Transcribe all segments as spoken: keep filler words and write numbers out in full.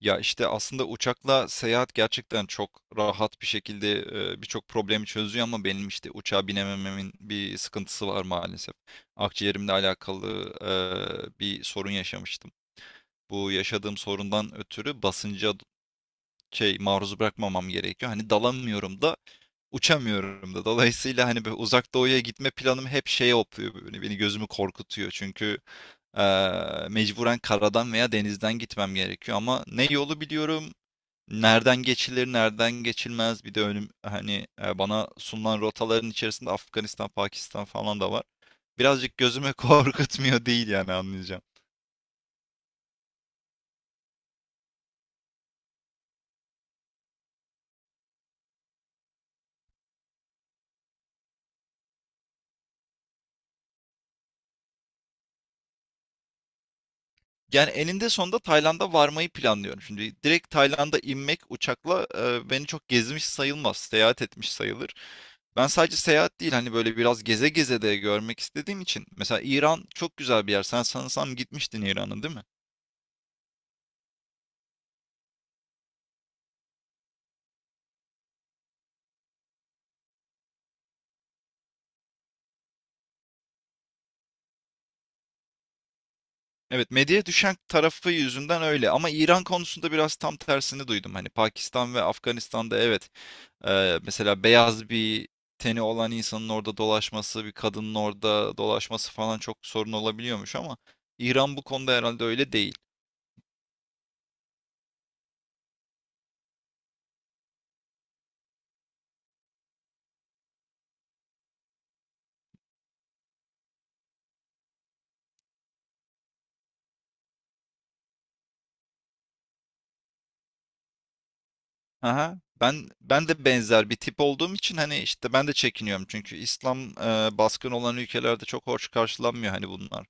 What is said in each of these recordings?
Ya, işte, aslında uçakla seyahat gerçekten çok rahat bir şekilde, eee, birçok problemi çözüyor ama benim, işte, uçağa binemememin bir sıkıntısı var maalesef. Akciğerimle alakalı, eee, bir sorun yaşamıştım. Bu yaşadığım sorundan ötürü basınca şey, maruz bırakmamam gerekiyor. Hani, dalamıyorum da, uçamıyorum da. Dolayısıyla, hani, böyle Uzak Doğu'ya gitme planım hep şeye hopluyor, böyle, beni gözümü korkutuyor. Çünkü, eee, mecburen karadan veya denizden gitmem gerekiyor ama ne yolu biliyorum, nereden geçilir, nereden geçilmez bir de önüm hani e, bana sunulan rotaların içerisinde Afganistan, Pakistan falan da var. Birazcık gözüme korkutmuyor değil yani anlayacağım. Yani eninde sonunda Tayland'a varmayı planlıyorum. Şimdi direkt Tayland'a inmek uçakla e, beni çok gezmiş sayılmaz, seyahat etmiş sayılır. Ben sadece seyahat değil hani böyle biraz geze geze de görmek istediğim için. Mesela İran çok güzel bir yer. Sen sanırsam gitmiştin İran'a, değil mi? Evet, medyaya düşen tarafı yüzünden öyle ama İran konusunda biraz tam tersini duydum. Hani Pakistan ve Afganistan'da evet, eee, mesela beyaz bir teni olan insanın orada dolaşması, bir kadının orada dolaşması falan çok sorun olabiliyormuş ama İran bu konuda herhalde öyle değil. Aha. Ben ben de benzer bir tip olduğum için hani işte ben de çekiniyorum çünkü İslam eee, baskın olan ülkelerde çok hoş karşılanmıyor hani bunlar.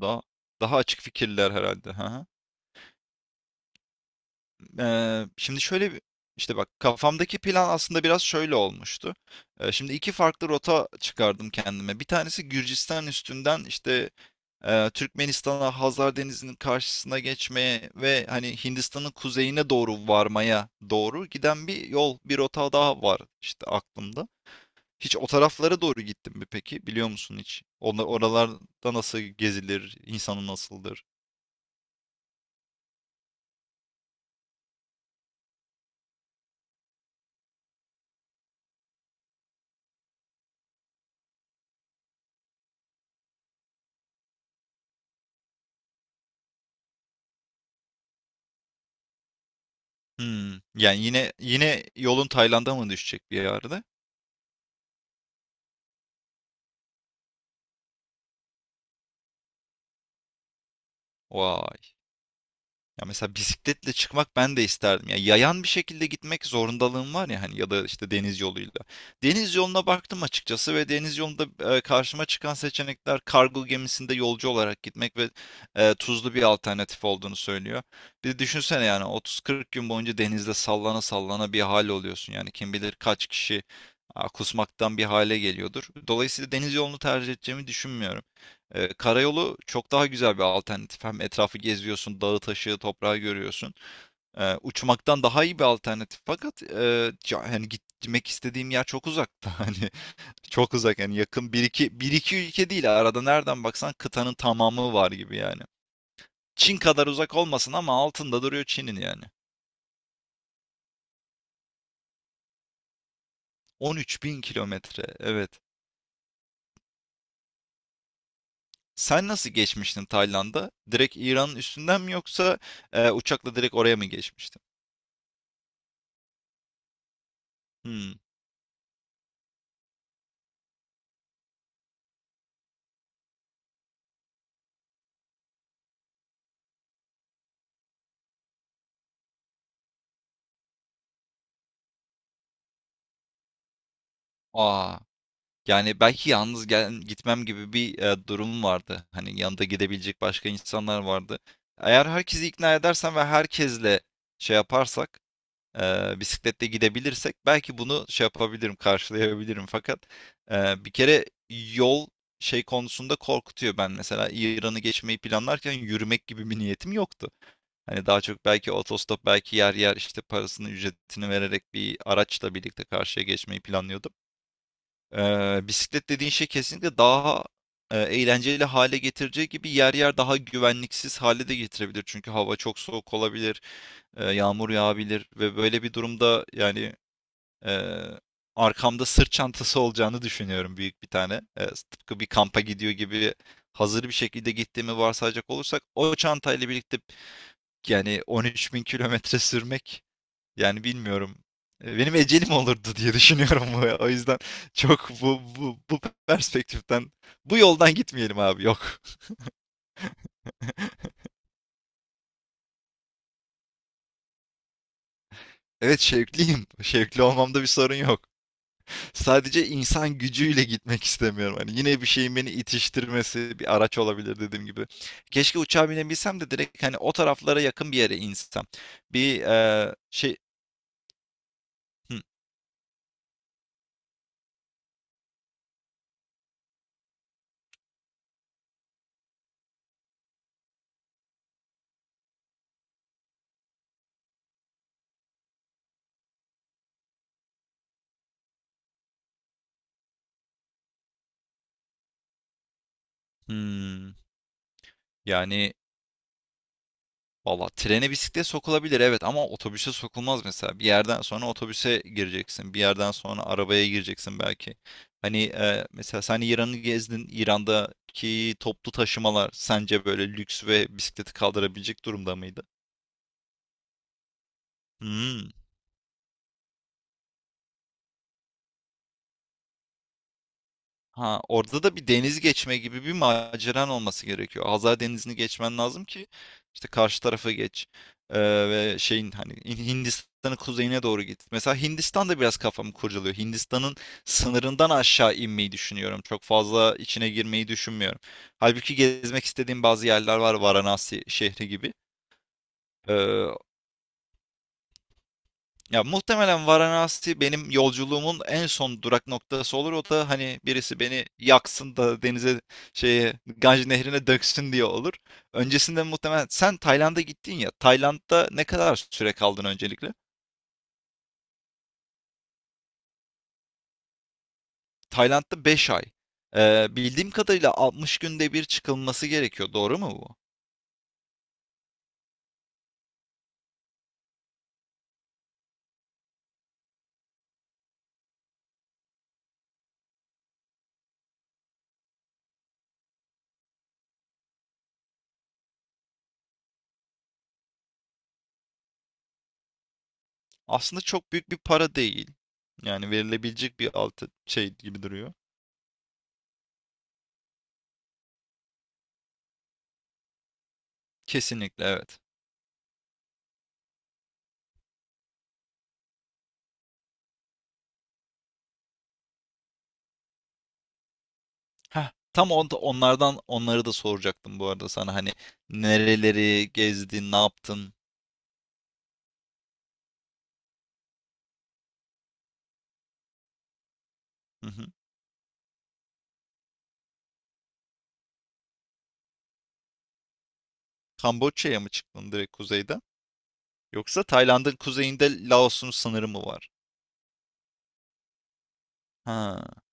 Daha daha açık fikirler herhalde. Hı hı. Eee, şimdi şöyle bir işte bak kafamdaki plan aslında biraz şöyle olmuştu. Eee, şimdi iki farklı rota çıkardım kendime. Bir tanesi Gürcistan üstünden işte, eee, Türkmenistan'a, Hazar Denizi'nin karşısına geçmeye ve hani Hindistan'ın kuzeyine doğru varmaya doğru giden bir yol, bir rota daha var işte aklımda. Hiç o taraflara doğru gittin mi peki? Biliyor musun hiç? Onlar oralarda nasıl gezilir? İnsanı nasıldır? Hımm. Yani yine yine yolun Tayland'a mı düşecek bir yerde? Vay. Ya mesela bisikletle çıkmak ben de isterdim. Ya yayan bir şekilde gitmek zorundalığım var ya hani ya da işte deniz yoluyla. Deniz yoluna baktım açıkçası ve deniz yolunda e, karşıma çıkan seçenekler kargo gemisinde yolcu olarak gitmek ve e, tuzlu bir alternatif olduğunu söylüyor. Bir de düşünsene yani otuz kırk gün boyunca denizde sallana sallana bir hal oluyorsun. Yani kim bilir kaç kişi a, kusmaktan bir hale geliyordur. Dolayısıyla deniz yolunu tercih edeceğimi düşünmüyorum. Ee, karayolu çok daha güzel bir alternatif. Hem etrafı geziyorsun, dağı taşı, toprağı görüyorsun. Ee, uçmaktan daha iyi bir alternatif. Fakat e, ca- hani gitmek istediğim yer çok uzakta. Hani çok uzak yani yakın bir iki, bir iki ülke değil. Arada nereden baksan kıtanın tamamı var gibi yani. Çin kadar uzak olmasın ama altında duruyor Çin'in yani. on üç bin kilometre. Evet. Sen nasıl geçmiştin Tayland'a? Direkt İran'ın üstünden mi yoksa e, uçakla direkt oraya mı geçmiştin? Hmm. Aa, yani, belki yalnız gel gitmem gibi bir, eee, durumum vardı. Hani, yanında gidebilecek başka insanlar vardı. Eğer herkesi ikna edersem ve herkesle şey yaparsak, eee, bisikletle gidebilirsek belki bunu şey yapabilirim, karşılayabilirim. Fakat, eee, bir kere yol şey konusunda korkutuyor. Ben mesela İran'ı geçmeyi planlarken yürümek gibi bir niyetim yoktu. Hani, daha çok belki otostop, belki yer yer, işte, parasını, ücretini vererek bir araçla birlikte karşıya geçmeyi planlıyordum. Ee, bisiklet dediğin şey kesinlikle daha e, eğlenceli hale getireceği gibi yer yer daha güvenliksiz hale de getirebilir. Çünkü hava çok soğuk olabilir, e, yağmur yağabilir ve böyle bir durumda yani e, arkamda sırt çantası olacağını düşünüyorum büyük bir tane. E, tıpkı bir kampa gidiyor gibi hazır bir şekilde gittiğimi varsayacak olursak o çantayla birlikte yani on üç bin kilometre sürmek yani bilmiyorum. Eee, benim ecelim olurdu diye düşünüyorum bu. Ya. O yüzden çok bu bu bu perspektiften, bu yoldan gitmeyelim abi, yok. Evet, şevkliyim. Şevkli olmamda bir sorun yok. Sadece insan gücüyle gitmek istemiyorum. Hani yine bir şeyin beni itiştirmesi bir araç olabilir dediğim gibi. Keşke uçağa binebilsem de direkt hani o taraflara yakın bir yere insem. Bir eee, şey Hı, hmm, yani Valla trene bisiklet sokulabilir evet ama otobüse sokulmaz mesela. Bir yerden sonra otobüse gireceksin. Bir yerden sonra arabaya gireceksin belki. Hani e, mesela sen İran'ı gezdin. İran'daki toplu taşımalar sence böyle lüks ve bisikleti kaldırabilecek durumda mıydı? Hmm. Ha, orada da bir deniz geçme gibi bir maceran olması gerekiyor. Hazar Denizi'ni geçmen lazım ki işte karşı tarafa geç. Ee, Ve şeyin hani Hin- Hindistan'ın kuzeyine doğru git. Mesela Hindistan da biraz kafamı kurcalıyor. Hindistan'ın sınırından aşağı inmeyi düşünüyorum. Çok fazla içine girmeyi düşünmüyorum. Halbuki gezmek istediğim bazı yerler var. Varanasi şehri gibi. Ee, Ya muhtemelen Varanasi benim yolculuğumun en son durak noktası olur. O da hani birisi beni yaksın da denize şeye Ganj nehrine döksün diye olur. Öncesinde muhtemelen sen Tayland'a gittin ya. Tayland'da ne kadar süre kaldın öncelikle? Tayland'da beş ay. Ee, bildiğim kadarıyla altmış günde bir çıkılması gerekiyor. Doğru mu bu? Aslında çok büyük bir para değil. Yani verilebilecek bir altı şey gibi duruyor. Kesinlikle evet. Heh, tam on, onlardan onları da soracaktım bu arada sana hani nereleri gezdin, ne yaptın? Hı hı. Kamboçya'ya mı çıktın direkt kuzeyden? Yoksa Tayland'ın kuzeyinde Laos'un sınırı mı var? Ha,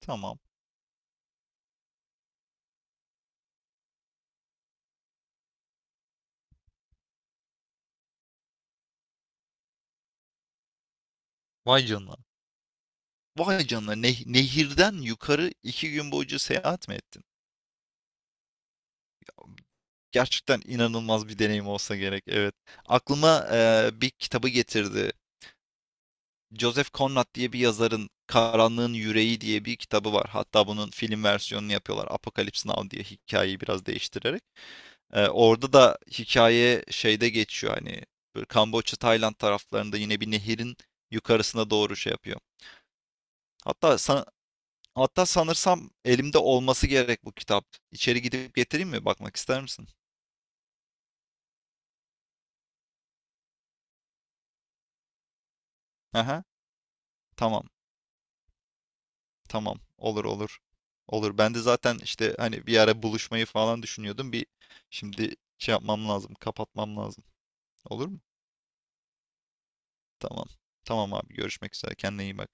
tamam. Vay canına. Vay canına. Neh- nehirden yukarı iki gün boyunca seyahat mi ettin? Gerçekten inanılmaz bir deneyim olsa gerek. Evet. Aklıma eee, bir kitabı getirdi. Joseph Conrad diye bir yazarın Karanlığın Yüreği diye bir kitabı var. Hatta bunun film versiyonunu yapıyorlar. Apocalypse Now diye hikayeyi biraz değiştirerek. Ee, orada da hikaye şeyde geçiyor hani böyle Kamboçya, Tayland taraflarında yine bir nehirin yukarısına doğru şey yapıyor. Hatta san- Hatta sanırsam elimde olması gerek bu kitap. İçeri gidip getireyim mi? Bakmak ister misin? Aha, tamam. Tamam. Olur, olur. Olur. Ben de zaten işte hani bir ara buluşmayı falan düşünüyordum. Bir şimdi şey yapmam lazım. Kapatmam lazım. Olur mu? Tamam. Tamam abi. Görüşmek üzere. Kendine iyi bak.